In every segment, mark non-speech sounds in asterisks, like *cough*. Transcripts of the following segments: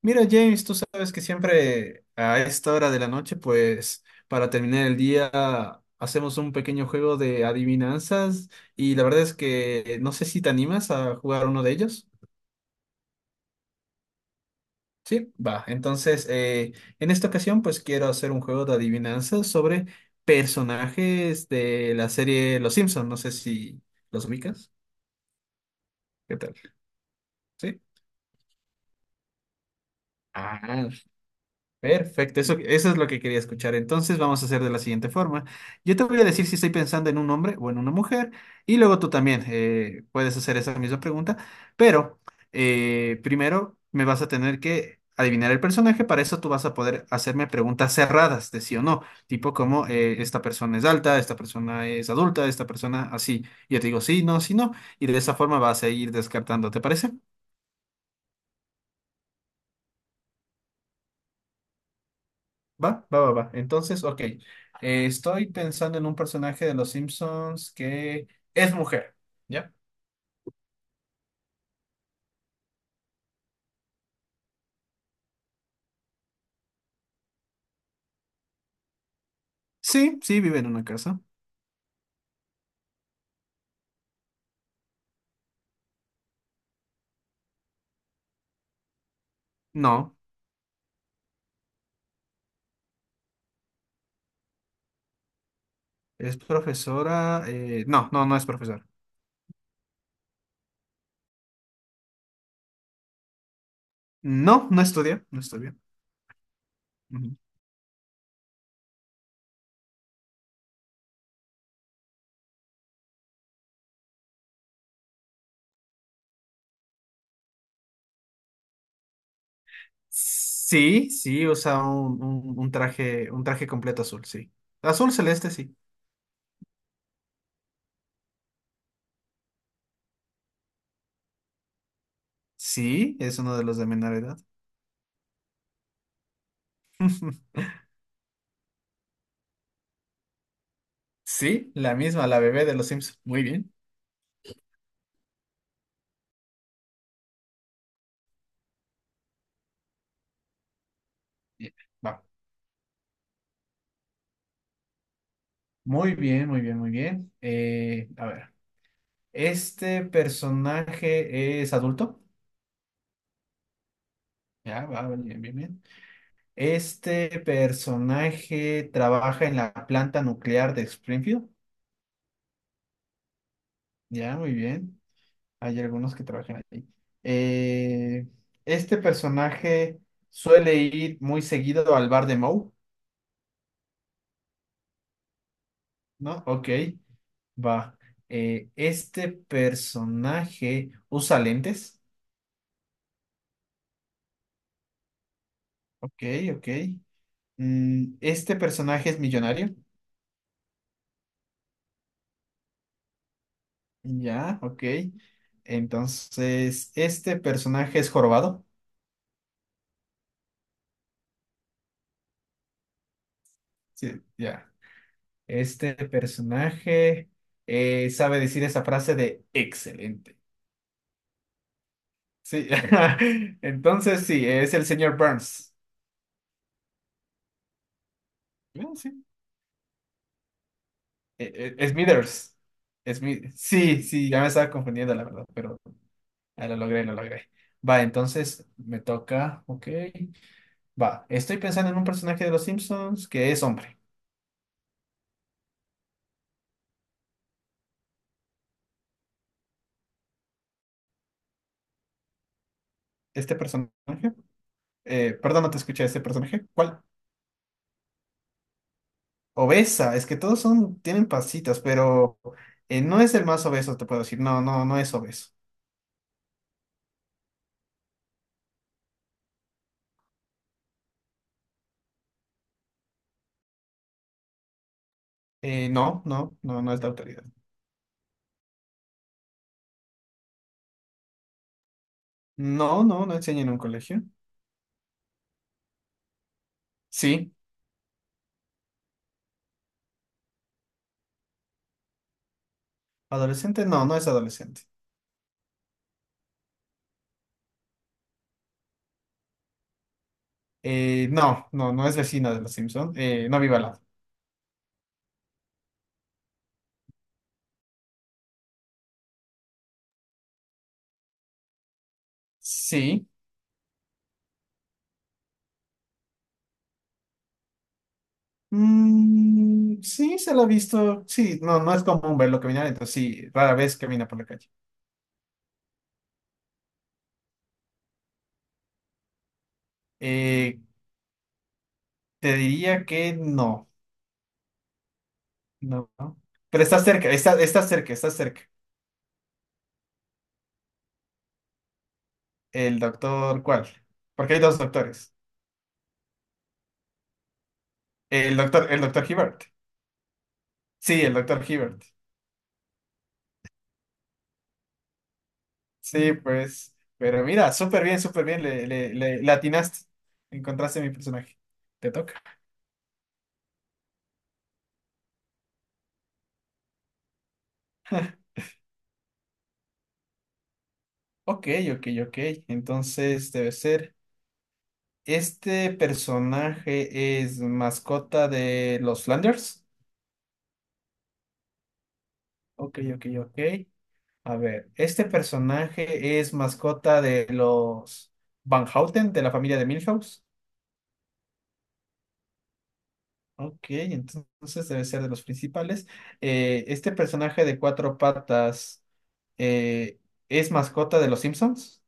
Mira, James, tú sabes que siempre a esta hora de la noche, pues para terminar el día, hacemos un pequeño juego de adivinanzas y la verdad es que no sé si te animas a jugar uno de ellos. Sí, va. Entonces, en esta ocasión, pues quiero hacer un juego de adivinanzas sobre personajes de la serie Los Simpson. No sé si los ubicas. ¿Qué tal? Sí. Ah, Perfecto, eso es lo que quería escuchar. Entonces vamos a hacer de la siguiente forma. Yo te voy a decir si estoy pensando en un hombre o en una mujer y luego tú también puedes hacer esa misma pregunta, pero primero me vas a tener que adivinar el personaje, para eso tú vas a poder hacerme preguntas cerradas de sí o no, tipo como esta persona es alta, esta persona es adulta, esta persona así. Yo te digo sí, no, sí, no, y de esa forma vas a ir descartando, ¿te parece? Va, va, va, va. Entonces, ok. Estoy pensando en un personaje de Los Simpsons que es mujer. ¿Ya? Sí, sí, vive en una casa. No, es profesora. No es profesora. No, no estudia, no estudia. Ujú. Sí, sí, usa un traje completo azul, sí. Azul celeste, sí. Sí, es uno de los de menor edad. *laughs* Sí, la misma, la bebé de Los Simpsons. Muy bien. Bien, va. Muy bien, muy bien, muy bien. A ver. Este personaje es adulto. Ya, va, bien, bien, bien. Este personaje trabaja en la planta nuclear de Springfield. Ya, muy bien. Hay algunos que trabajan ahí. Eh, este personaje suele ir muy seguido al bar de Moe, ¿no? Ok, va. Este personaje usa lentes. Ok, ok. Este personaje es millonario. Ya, ok. Entonces, este personaje es jorobado. Sí, ya. Este personaje sabe decir esa frase de excelente. Sí. *laughs* Entonces, sí, es el señor Burns. Ah, sí. Smithers. Sí, sí, ya me estaba confundiendo, la verdad, pero ah, lo logré, lo logré. Va, entonces me toca. Ok. Va, estoy pensando en un personaje de los Simpsons que es hombre. Este personaje. Perdón, no te escuché este personaje. ¿Cuál? Obesa, es que todos son, tienen pasitas, pero no es el más obeso, te puedo decir. No, no, no es obeso. No es de autoridad. No, no, no enseña en un colegio. Sí, adolescente, no, no es adolescente. No es vecina de los Simpson. No vive al lado. Sí. Mm, sí, se lo ha visto. Sí, no, no es común verlo caminar, entonces sí, rara vez camina por la calle. Eh, te diría que no. No, no. Pero está cerca, está cerca. El doctor, ¿cuál? Porque hay dos doctores. El doctor Hibbert. Sí, el doctor Hibbert. Sí, pues. Pero mira, súper bien, súper bien. Le atinaste. Encontraste mi personaje. Te toca. *laughs* Ok, ok, ok. Entonces debe ser. ¿Este personaje es mascota de los Flanders? Ok, ok, ok. A ver, este personaje es mascota de los Van Houten, de la familia de Milhouse. Ok, entonces debe ser de los principales. Este personaje de cuatro patas eh, es mascota de los Simpsons.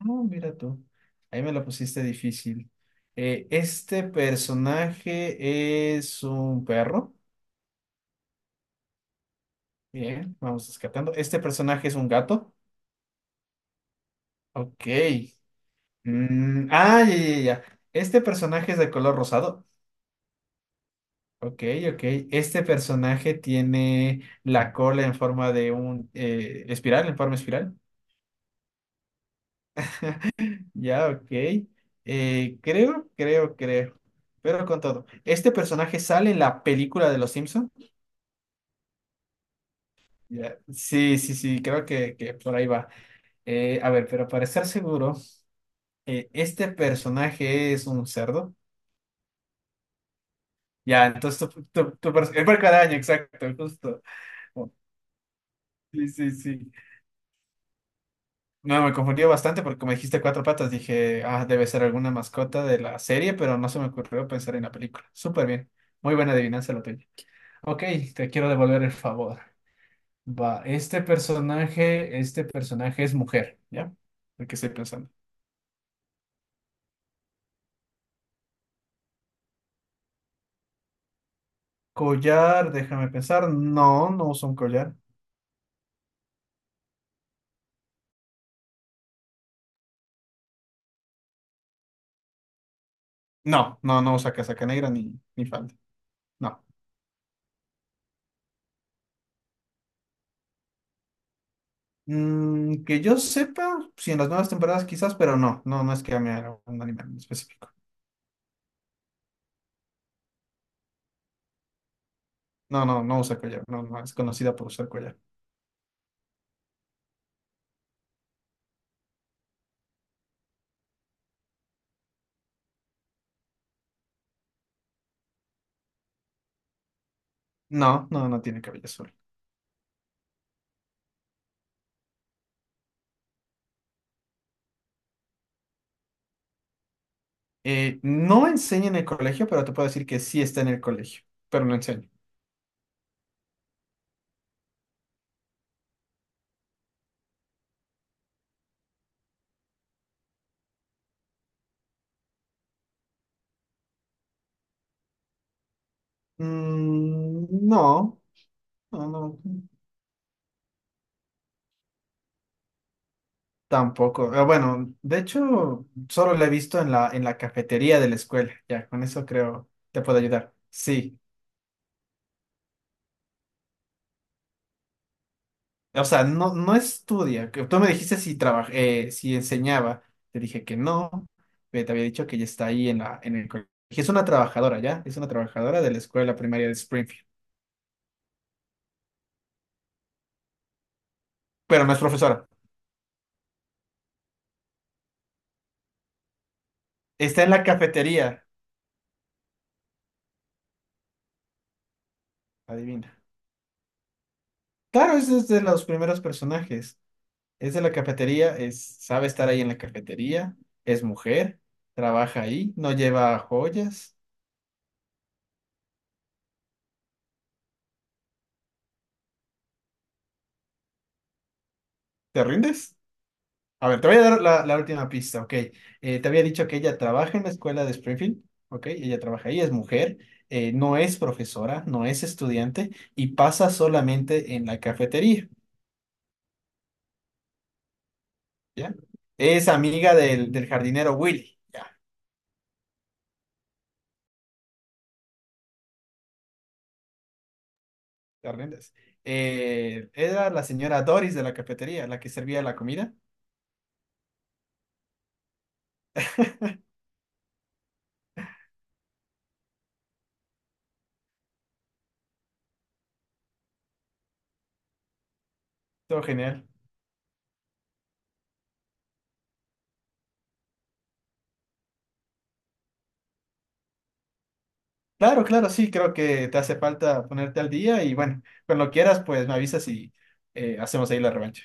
No, mira tú, ahí me lo pusiste difícil. Este personaje es un perro. Bien, vamos descartando. Este personaje es un gato. Ok. Ya, ya, ya. ya. Este personaje es de color rosado. Ok, ok. Este personaje tiene la cola en forma de un espiral, en forma espiral. Ya, ok. Creo. Pero con todo. ¿Este personaje sale en la película de Los Simpson? Ya, sí, sí, sí, creo que por ahí va. A ver, pero para estar seguro, ¿este personaje es un cerdo? Ya, entonces el puerco araña, exacto, justo. Sí, sí, sí. No, me confundió bastante porque como dijiste cuatro patas, dije, ah, debe ser alguna mascota de la serie, pero no se me ocurrió pensar en la película. Súper bien. Muy buena adivinanza la tuya. Ok, te quiero devolver el favor. Va, este personaje es mujer, ¿ya? El que estoy pensando. Collar, déjame pensar. No, no usa un collar. No, no, no usa casaca negra ni falda. No. Mm, que yo sepa, si en las nuevas temporadas quizás, pero no, no, no es que ame a un animal en específico. No, no, no usa collar. No, no, es conocida por usar collar. No, no, no tiene cabello azul. No enseña en el colegio, pero te puedo decir que sí está en el colegio, pero no enseña. No, no, no, tampoco. Bueno, de hecho, solo la he visto en en la cafetería de la escuela. Ya, con eso creo te puedo ayudar. Sí. O sea, no, no estudia. Que tú me dijiste si trabaja, si enseñaba. Te dije que no. Te había dicho que ya está ahí en en el colegio. Es una trabajadora, ¿ya? Es una trabajadora de la escuela primaria de Springfield. Pero no es profesora. Está en la cafetería. Adivina. Claro, es de los primeros personajes. Es de la cafetería, es, sabe estar ahí en la cafetería, es mujer, trabaja ahí, no lleva joyas. ¿Te rindes? A ver, te voy a dar la última pista, ok. Te había dicho que ella trabaja en la escuela de Springfield, ok. Ella trabaja ahí, es mujer, no es profesora, no es estudiante y pasa solamente en la cafetería, ¿ya? Es amiga del jardinero Willy, ya, te rindes. Era la señora Doris de la cafetería, la que servía la comida. *laughs* Todo genial. Claro, claro, sí, creo que te hace falta ponerte al día y bueno, cuando quieras, pues me avisas y hacemos ahí la revancha.